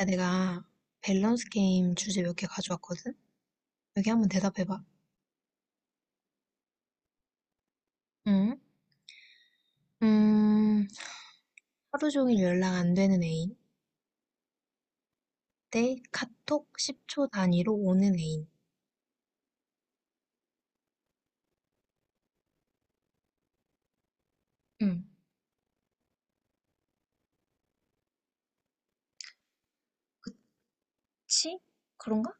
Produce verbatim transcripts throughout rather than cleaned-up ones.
야, 내가 밸런스 게임 주제 몇 개 가져왔거든? 여기 한번 대답해봐. 응? 음, 하루 종일 연락 안 되는 애인 대 카톡 십 초 단위로 오는 애인. 응. 치? 그런가?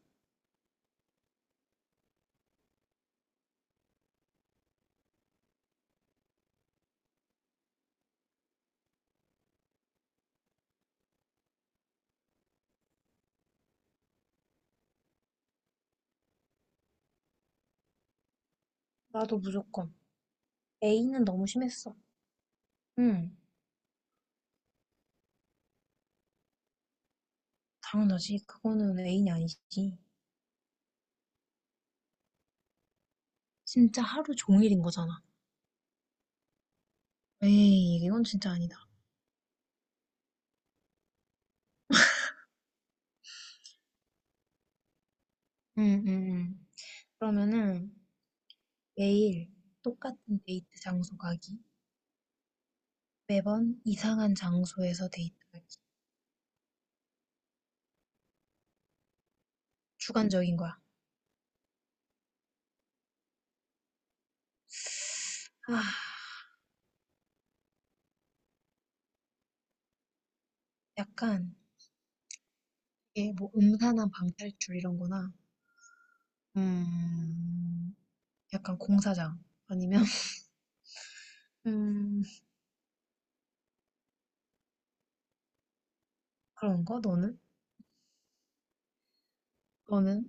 나도 무조건. 애인은 너무 심했어. 응. 당연하지. 그거는 애인이 아니지. 진짜 하루 종일인 거잖아. 에이, 이건 진짜 아니다. 응, 응, 응. 그러면은 매일 똑같은 데이트 장소 가기. 매번 이상한 장소에서 데이트가 주관적인 거야. 아, 약간 이게 뭐 음산한 방탈출 이런 거나 음, 약간 공사장 아니면 음, 그런 거 너는? 너는?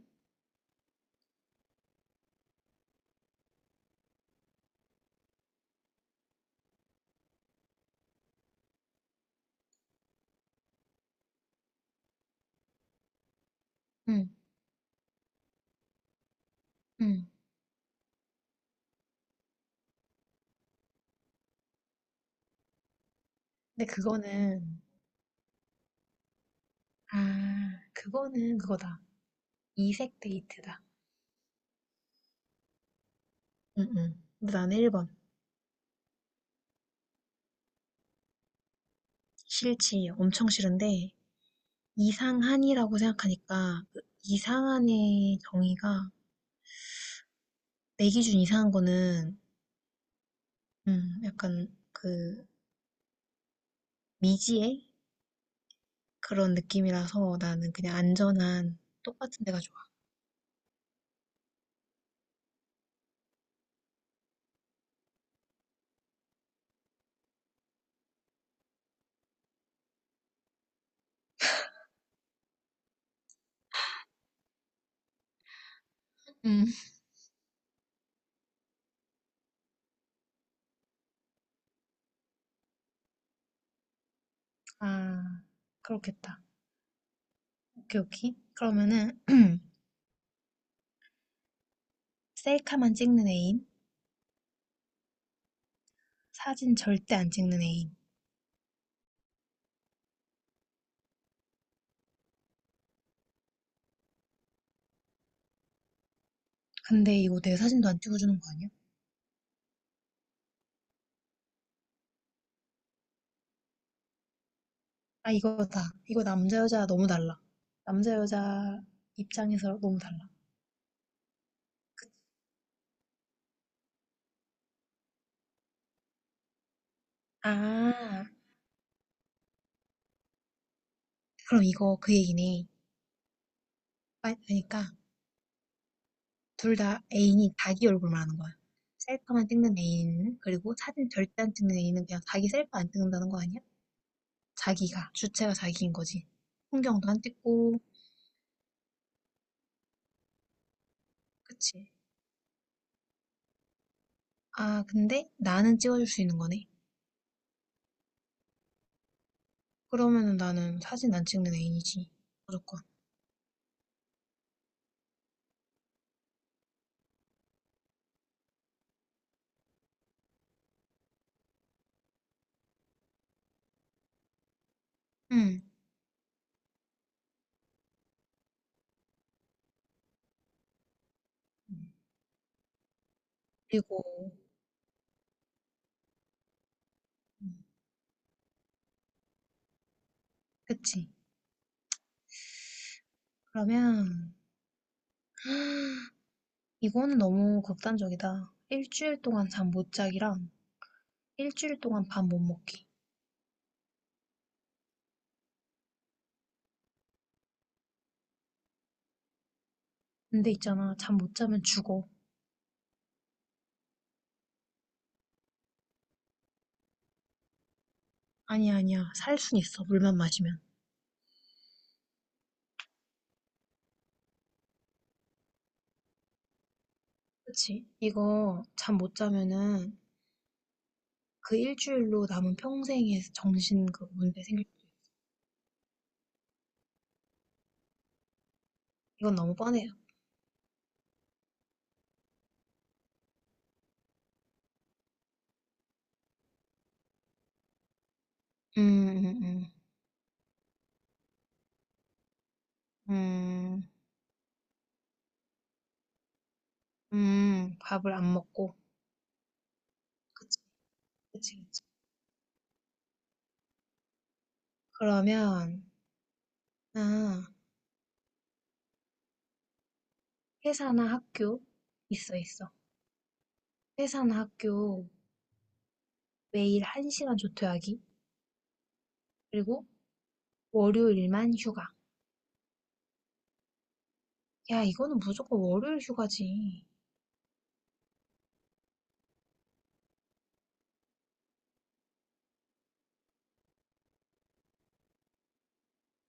응, 응. 근데 그거는 아, 그거는 그거다. 이색 데이트다. 응, 응. 근데 나는 일 번. 싫지. 엄청 싫은데 이상한이라고 생각하니까 그 이상한의 정의가 내 기준 이상한 거는 음, 약간 그 미지의 그런 느낌이라서 나는 그냥 안전한 똑같은 데가 좋아. 음. 아, 그렇겠다. 오케이, 오케이. 그러면은 셀카만 찍는 애인, 사진 절대 안 찍는 애인. 근데 이거 내 사진도 안 찍어주는 거 아니야? 아, 이거다. 이거 남자 여자 너무 달라. 남자 여자 입장에서 너무 달라. 아, 그럼 이거 그 얘기네. 아, 그러니까 둘 다 애인이 자기 얼굴만 하는 거야. 셀카만 찍는 애인, 그리고 사진 절대 안 찍는 애인은 그냥 자기 셀카 안 찍는다는 거 아니야? 자기가, 주체가 자기인 거지. 풍경도 안 찍고, 그치. 아, 근데 나는 찍어줄 수 있는 거네. 그러면은 나는 사진 안 찍는 애인이지. 무조건. 응. 그리고, 음, 그치. 그러면, 이거는 너무 극단적이다. 일주일 동안 잠 못 자기랑 일주일 동안 밥 못 먹기. 근데 있잖아, 잠 못 자면 죽어. 아니야, 아니야. 살 순 있어. 물만 마시면. 그치? 이거 잠 못 자면은 그 일주일로 남은 평생의 정신 그 문제 생길. 이건 너무 뻔해요. 음, 음, 음, 음, 음, 밥을 안 먹고. 그치, 그치, 그치. 그러면, 아, 회사나 학교 있어, 있어. 회사나 학교 매일 한시간 조퇴하기. 그리고 월요일만 휴가. 야, 이거는 무조건 월요일 휴가지.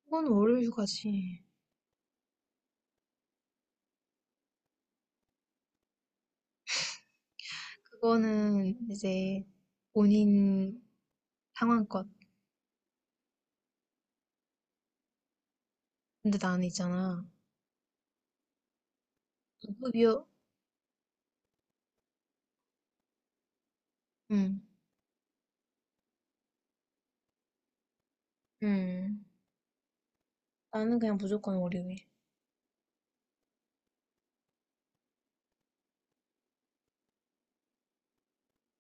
이건 월요일 휴가지. 그거는 이제 본인 상황껏. 근데 나는 있잖아. 무급이요. 응, 음, 나는 그냥 무조건 월요일.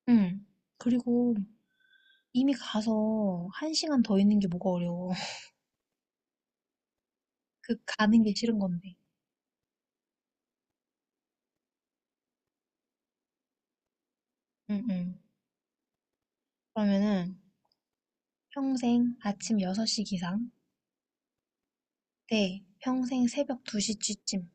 응. 그리고 이미 가서 한 시간 더 있는 게 뭐가 어려워. 그 가는 게 싫은 건데. 응, 응. 그러면은 평생 아침 여섯 시 기상 대 평생 새벽 두 시쯤.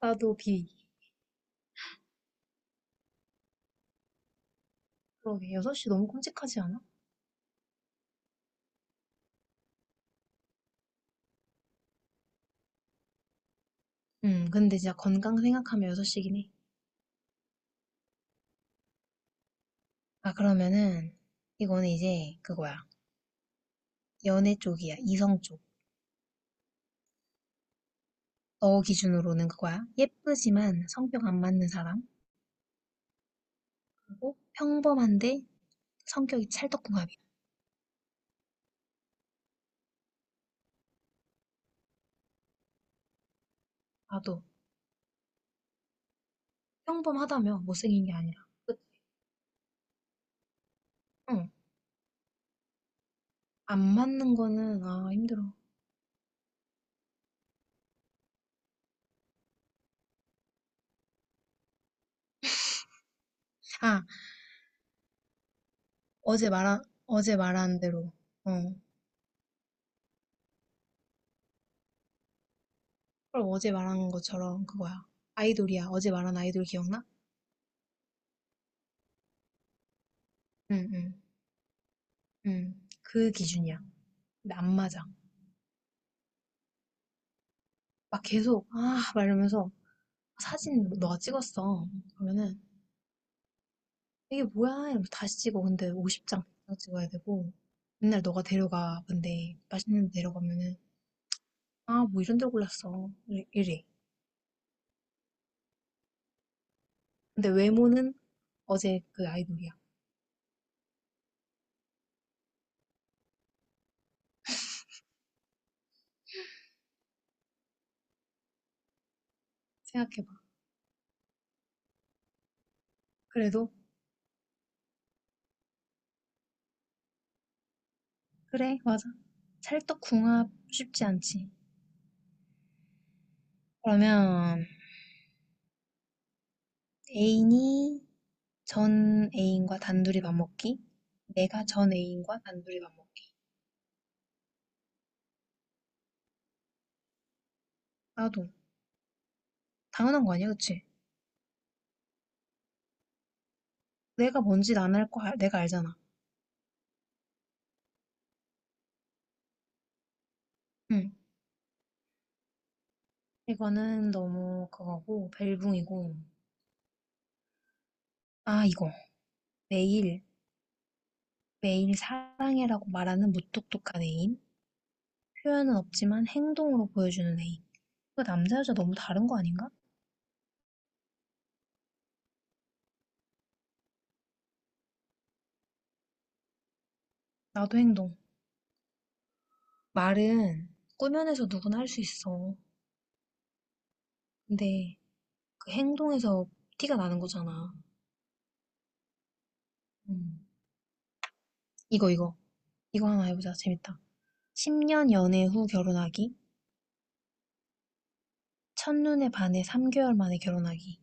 나도 B. 그러게, 여섯 시 너무 끔찍하지 않아? 응, 근데 진짜 건강 생각하면 여섯 시긴 해. 아, 그러면은, 이거는 이제 그거야. 연애 쪽이야. 이성 쪽. 너 기준으로는 그거야. 예쁘지만 성격 안 맞는 사람. 그리고 평범한데 성격이 찰떡궁합이야. 나도 평범하다며 못생긴 게 아니라. 끝. 응. 안 맞는 거는, 아, 힘들어. 아, 어제 말한, 어제 말한 대로. 어. 그럼 어제 말한 것처럼 그거야. 아이돌이야. 어제 말한 아이돌 기억나? 응, 응, 응. 그 기준이야. 근데 안 맞아. 막 계속, 아, 막 이러면서. 사진 뭐 너가 찍었어. 그러면은 이게 뭐야? 이러면서 다시 찍어. 근데 오십 장, 장백 장 찍어야 되고 맨날 너가 데려가. 근데 맛있는 데 데려가면은 아, 뭐 이런 데 골랐어. 이래. 이래. 근데 외모는 어제 그 아이돌이야. 생각해봐. 그래도 그래, 맞아. 찰떡궁합 쉽지 않지. 그러면 애인이 전 애인과 단둘이 밥 먹기? 내가 전 애인과 단둘이 밥 먹기. 나도 당연한 거 아니야, 그치? 내가 뭔지 난 알 거, 알- 내가 알잖아. 응. 이거는 너무 그거고, 벨붕이고. 아, 이거. 매일, 매일 사랑해라고 말하는 무뚝뚝한 애인. 표현은 없지만 행동으로 보여주는 애인. 그 남자 여자 너무 다른 거 아닌가? 나도 행동. 말은 꾸며내서 누구나 할 수 있어. 근데 그 행동에서 티가 나는 거잖아. 음. 이거, 이거. 이거 하나 해보자. 재밌다. 십 년 연애 후 결혼하기. 첫눈에 반해 삼 개월 만에 결혼하기.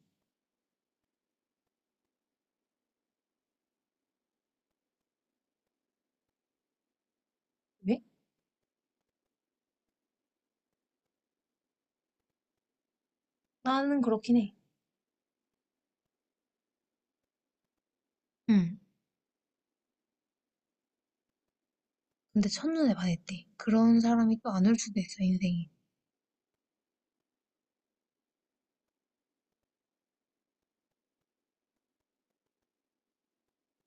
왜? 나는 그렇긴 해. 응. 근데 첫눈에 반했대. 그런 사람이 또 안 올 수도 있어, 인생이.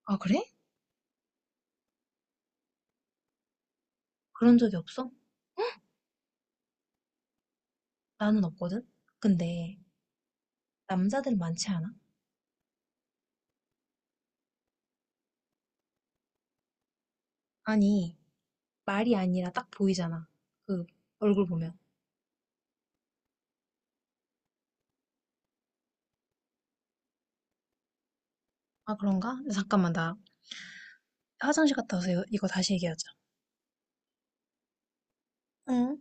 아, 그래? 그런 적이 없어? 나는 없거든? 근데 남자들 많지 않아? 아니, 말이 아니라 딱 보이잖아. 그 얼굴 보면. 아, 그런가? 잠깐만, 나 화장실 갔다 와서 이거, 이거 다시 얘기하자. 응.